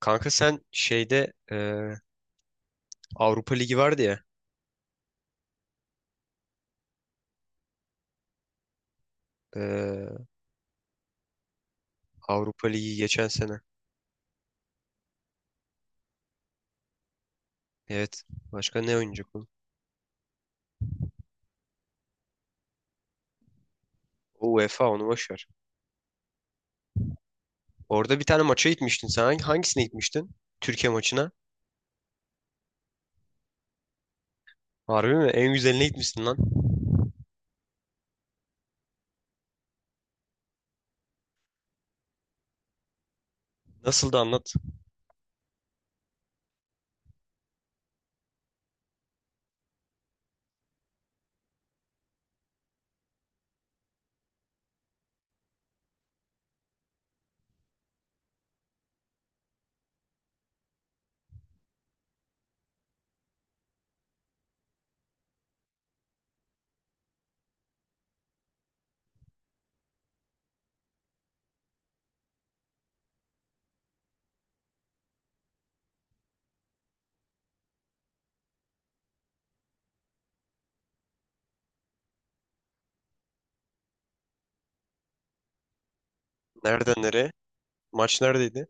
Kanka sen şeyde Avrupa Ligi vardı ya. e, Avrupa Ligi geçen sene. Evet. Başka ne oynayacak oğlum? O UEFA, onu boş ver. Orada bir tane maça gitmiştin sen. Hangisine gitmiştin? Türkiye maçına. Harbi mi? En güzeline gitmişsin lan. Nasıl da anlat. Nereden nereye? Maç neredeydi?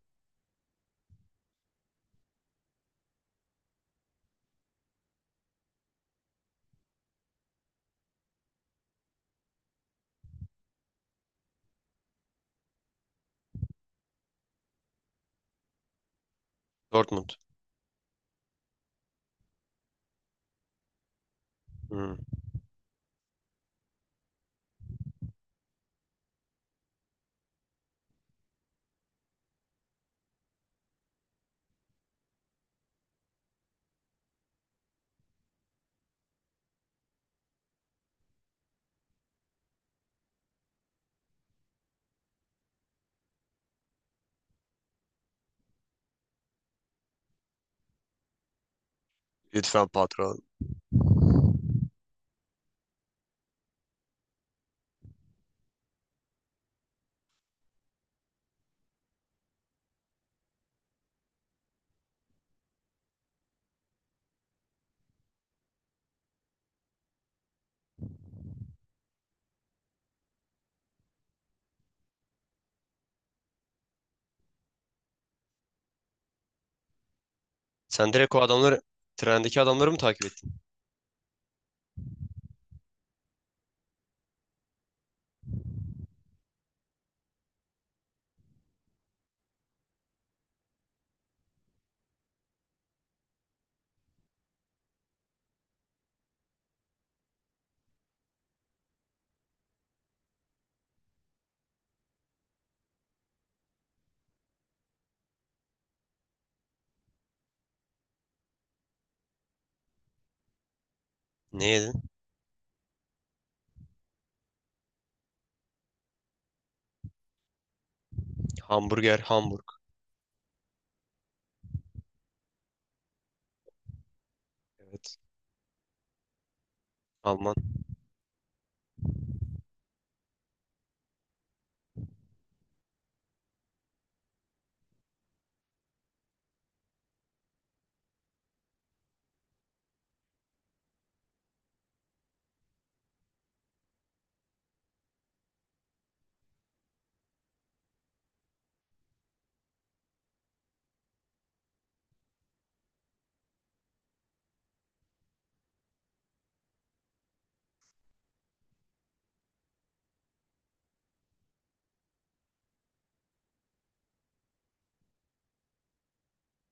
Dortmund. Hmm. Lütfen patron. Sen direkt o adamları, trendeki adamları mı takip ettin? Ne yedin? Hamburger, Hamburg. Evet. Alman.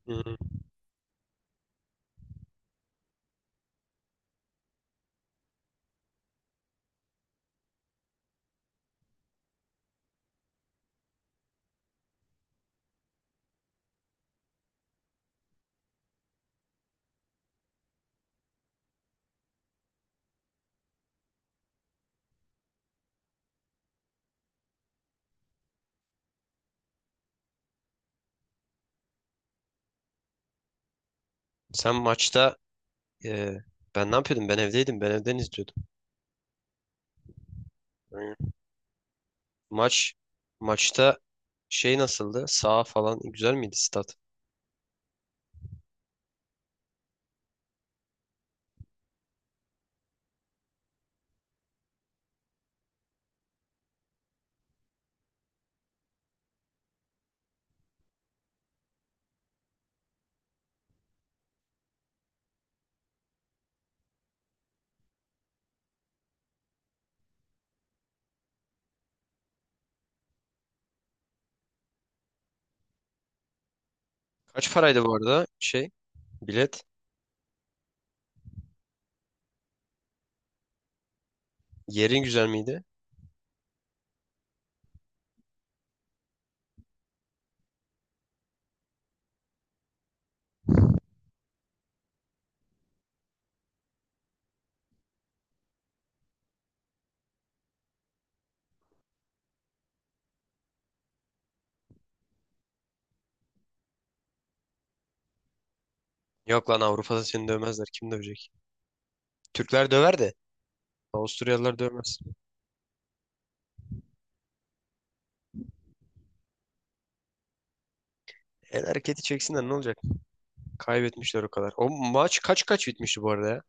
Hmm. Sen maçta Ee, ben ne yapıyordum? Ben evdeydim. Ben evden izliyordum. Hı. Maç maçta şey nasıldı? Sağ falan güzel miydi stat? Kaç paraydı bu arada şey bilet? Yerin güzel miydi? Yok lan, Avrupa'da seni dövmezler. Kim dövecek? Türkler döver de Avusturyalılar dövmez. El hareketi çeksinler ne olacak? Kaybetmişler o kadar. O maç kaç kaç bitmişti bu arada ya?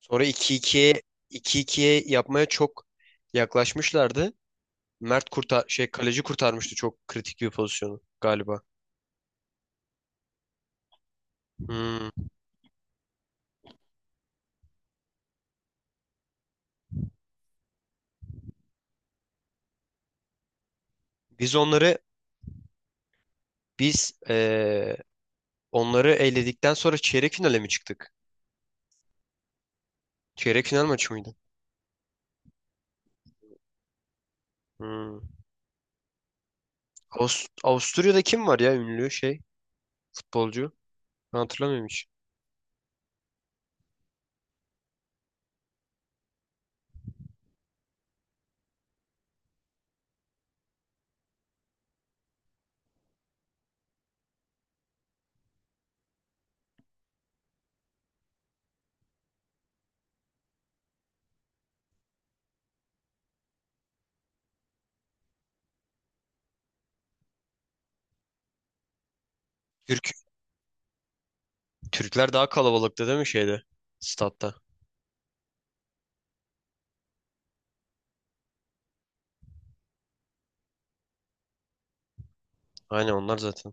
Sonra 2-2'ye yapmaya çok yaklaşmışlardı. Mert kurtar şey kaleci kurtarmıştı çok kritik bir pozisyonu galiba. Hmm. Biz biz eee, onları eledikten sonra çeyrek finale mi çıktık? Çeyrek final maçı mıydı? Hmm. Avusturya'da kim var ya ünlü şey futbolcu? Ben hatırlamıyorum hiç. Türk Türkler daha kalabalıktı değil mi şeyde? Statta. Aynen, onlar zaten.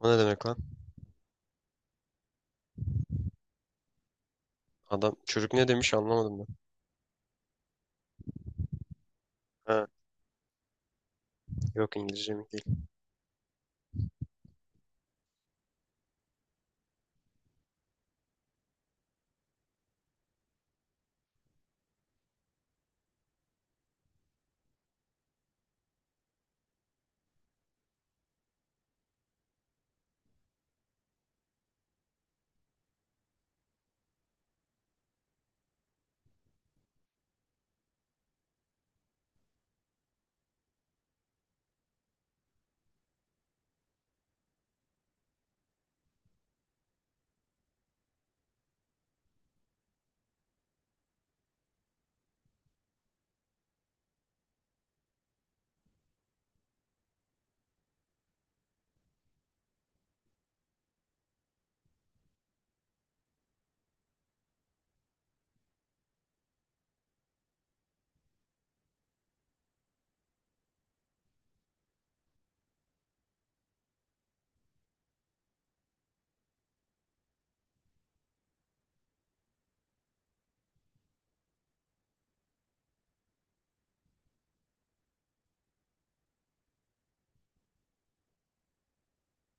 O ne demek lan? Adam çocuk ne demiş, anlamadım ben. Ha, yok, İngilizce mi değil.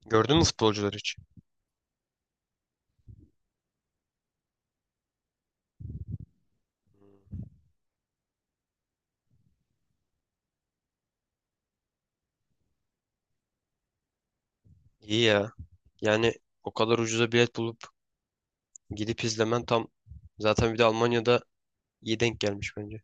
Gördün mü futbolcuları hiç? Hmm. İyi ya. Yani o kadar ucuza bilet bulup gidip izlemen tam, zaten bir de Almanya'da iyi denk gelmiş bence.